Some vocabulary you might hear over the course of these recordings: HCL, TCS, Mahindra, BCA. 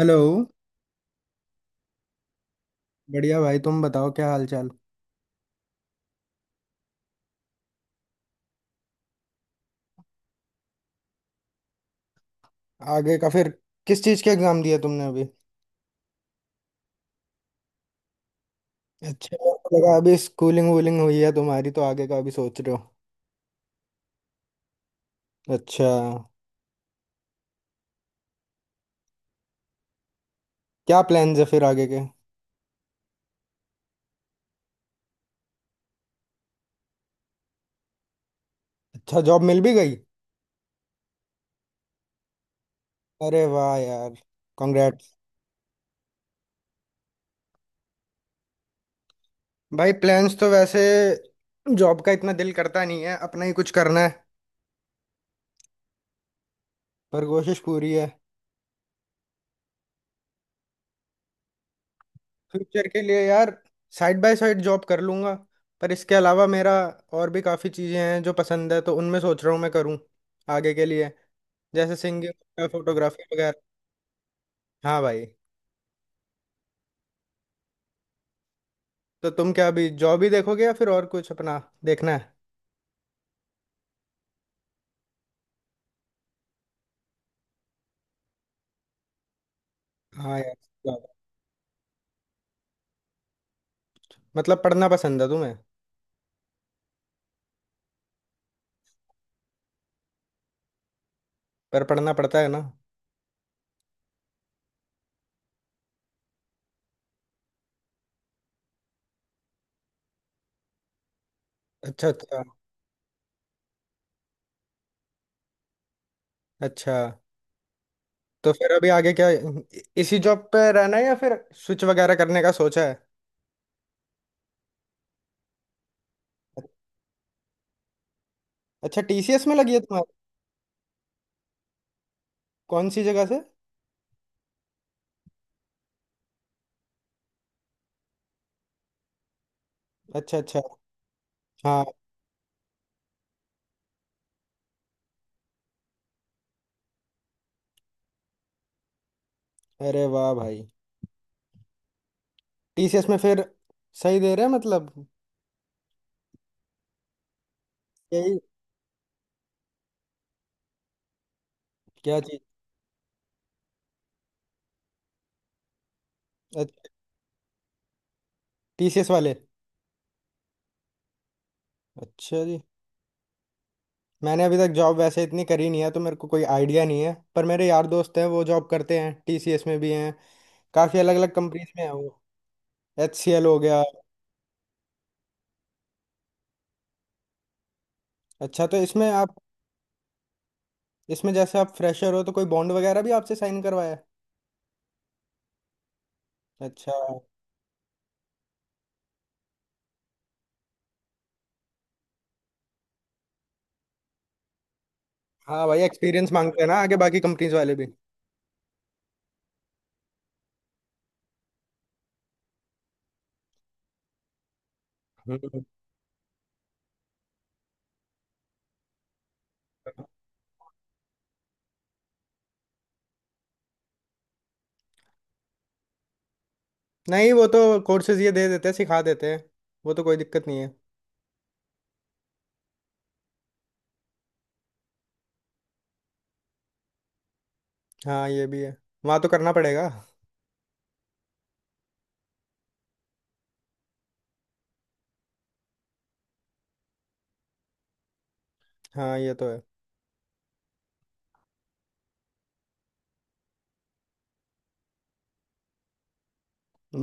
Hello. बढ़िया भाई, तुम बताओ, क्या हाल चाल। आगे का फिर? किस चीज़ के एग्जाम दिया तुमने अभी? अच्छा, मेरे को लगा अभी स्कूलिंग वूलिंग हुई है तुम्हारी, तो आगे का अभी सोच रहे हो। अच्छा। क्या प्लान्स है फिर आगे के? अच्छा, जॉब मिल भी गई। अरे वाह यार, कॉन्ग्रेट्स। भाई प्लान्स तो वैसे, जॉब का इतना दिल करता नहीं है, अपना ही कुछ करना है। पर कोशिश पूरी है। फ्यूचर के लिए यार, साइड बाय साइड जॉब कर लूंगा, पर इसके अलावा मेरा और भी काफ़ी चीज़ें हैं जो पसंद है, तो उनमें सोच रहा हूँ मैं करूँ आगे के लिए। जैसे सिंगिंग, फोटोग्राफी वगैरह। हाँ भाई। तो तुम क्या अभी जॉब ही देखोगे या फिर और कुछ अपना देखना है? हाँ यार। job। मतलब पढ़ना पसंद है तुम्हें? पर पढ़ना पड़ता है ना। अच्छा। अच्छा। अच्छा। तो फिर अभी आगे क्या इसी जॉब पे रहना है या फिर स्विच वगैरह करने का सोचा है? अच्छा, टीसीएस में लगी है तुम्हारी। कौन सी जगह से? अच्छा अच्छा। हाँ। अरे वाह भाई, टीसीएस में फिर सही दे रहे हैं मतलब। यही। क्या चीज? अच्छा, टीसीएस वाले। अच्छा जी। मैंने अभी तक जॉब वैसे इतनी करी नहीं है, तो मेरे को कोई आइडिया नहीं है, पर मेरे यार दोस्त हैं वो जॉब करते हैं, टीसीएस में भी हैं। काफ़ी अलग अलग कंपनीज में है वो। एचसीएल हो गया। अच्छा तो इसमें आप, इसमें जैसे आप फ्रेशर हो तो कोई बॉन्ड वगैरह भी आपसे साइन करवाया है? अच्छा। हाँ भाई, एक्सपीरियंस मांगते हैं ना आगे बाकी कंपनीज वाले भी। हम्म। नहीं, वो तो कोर्सेज ये दे देते हैं सिखा देते हैं, वो तो कोई दिक्कत नहीं है। हाँ ये भी है, वहाँ तो करना पड़ेगा। हाँ ये तो है।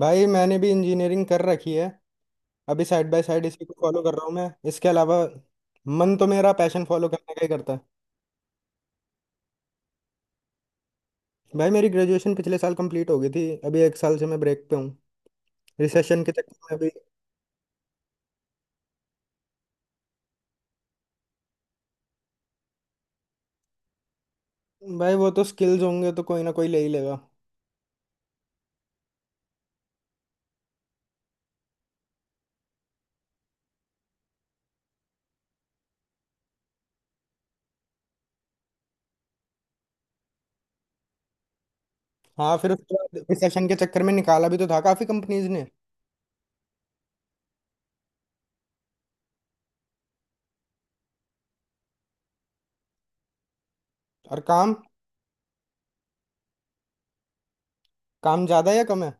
भाई मैंने भी इंजीनियरिंग कर रखी है, अभी साइड बाय साइड इसी को फॉलो कर रहा हूँ मैं, इसके अलावा मन तो मेरा पैशन फॉलो करने का ही करता है। भाई मेरी ग्रेजुएशन पिछले साल कंप्लीट हो गई थी, अभी एक साल से मैं ब्रेक पे हूँ रिसेशन के चक्कर में अभी। भाई वो तो स्किल्स होंगे तो कोई ना कोई ले ही लेगा। हाँ फिर उसके बाद रिसेशन के चक्कर में निकाला भी तो था काफ़ी कंपनीज ने। और काम, काम ज़्यादा या कम है?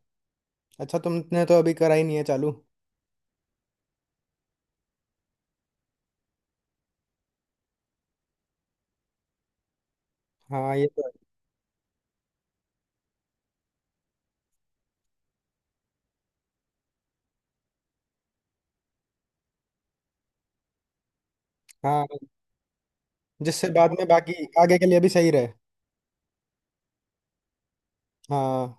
अच्छा तुमने तो अभी करा ही नहीं है चालू। हाँ ये तो है। हाँ, जिससे बाद में बाकी आगे के लिए भी सही रहे। हाँ।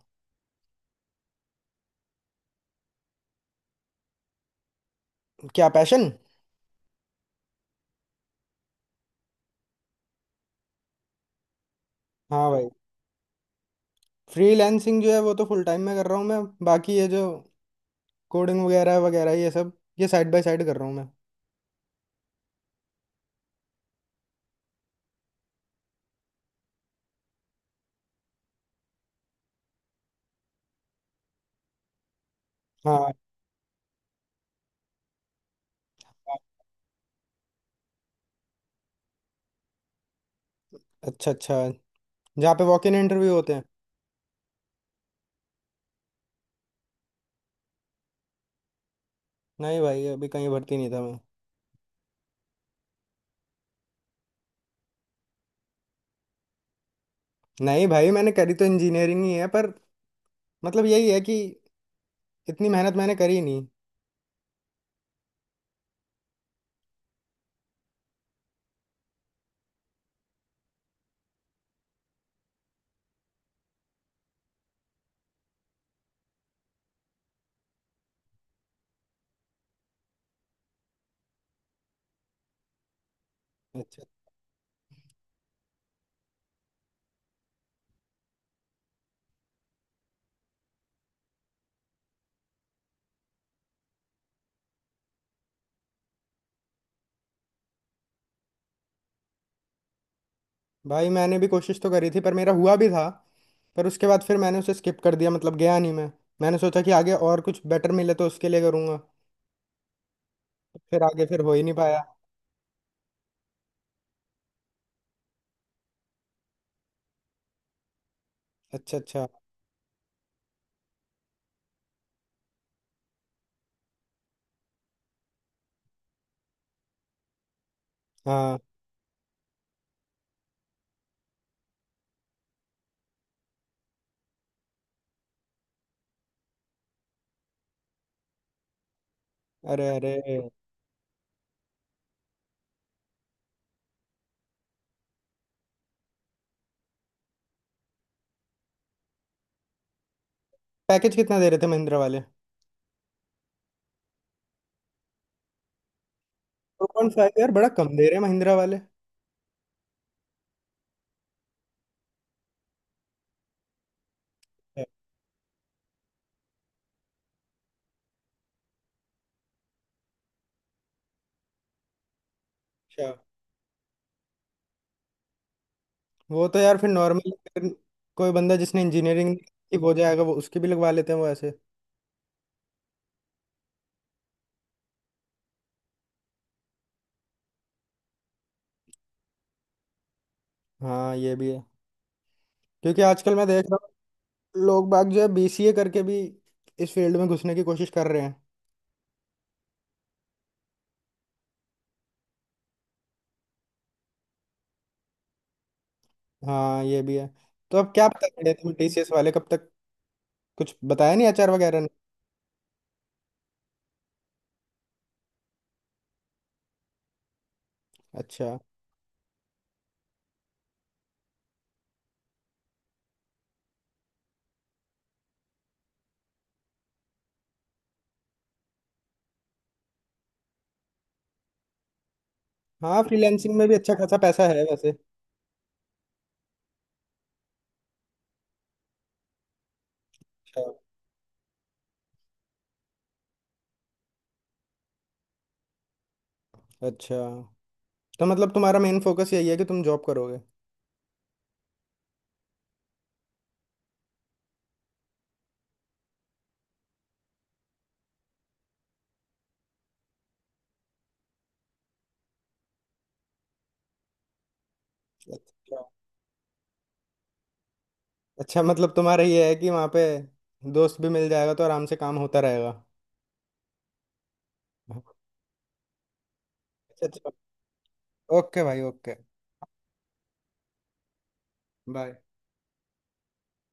क्या पैशन? हाँ भाई। फ्रीलैंसिंग जो है वो तो फुल टाइम में कर रहा हूँ मैं, बाकी ये जो कोडिंग वगैरह वगैरह ये सब, ये साइड बाय साइड कर रहा हूँ मैं। हाँ। अच्छा अच्छा, जहाँ पे वॉक इन इंटरव्यू होते हैं। नहीं भाई, अभी कहीं भर्ती नहीं था मैं। नहीं भाई, मैंने करी तो इंजीनियरिंग ही है, पर मतलब यही है कि इतनी मेहनत मैंने करी नहीं। अच्छा। भाई मैंने भी कोशिश तो करी थी, पर मेरा हुआ भी था, पर उसके बाद फिर मैंने उसे स्किप कर दिया, मतलब गया नहीं मैं। मैंने सोचा कि आगे और कुछ बेटर मिले तो उसके लिए करूँगा, फिर आगे फिर हो ही नहीं पाया। अच्छा अच्छा। हाँ। अरे अरे। पैकेज कितना दे रहे थे महिंद्रा वाले? 2.5 यार, बड़ा कम दे रहे हैं महिंद्रा वाले। अच्छा। वो तो यार फिर नॉर्मल, कोई बंदा जिसने इंजीनियरिंग की हो जाएगा वो उसकी भी लगवा लेते हैं वो ऐसे। हाँ ये भी है, क्योंकि आजकल मैं देख रहा हूँ लोग बाग जो है बीसीए करके भी इस फील्ड में घुसने की कोशिश कर रहे हैं। हाँ ये भी है। तो अब क्या पता चले तुम टीसीएस वाले कब तक, कुछ बताया नहीं एचआर वगैरह ने। अच्छा। हाँ फ्रीलैंसिंग में भी अच्छा खासा पैसा है वैसे। अच्छा अच्छा। तो मतलब तुम्हारा मेन फोकस यही है कि तुम जॉब करोगे। अच्छा अच्छा, मतलब तुम्हारा ये है कि वहाँ पे दोस्त भी मिल जाएगा तो आराम से काम होता रहेगा। अच्छा अच्छा। ओके भाई ओके। बाय।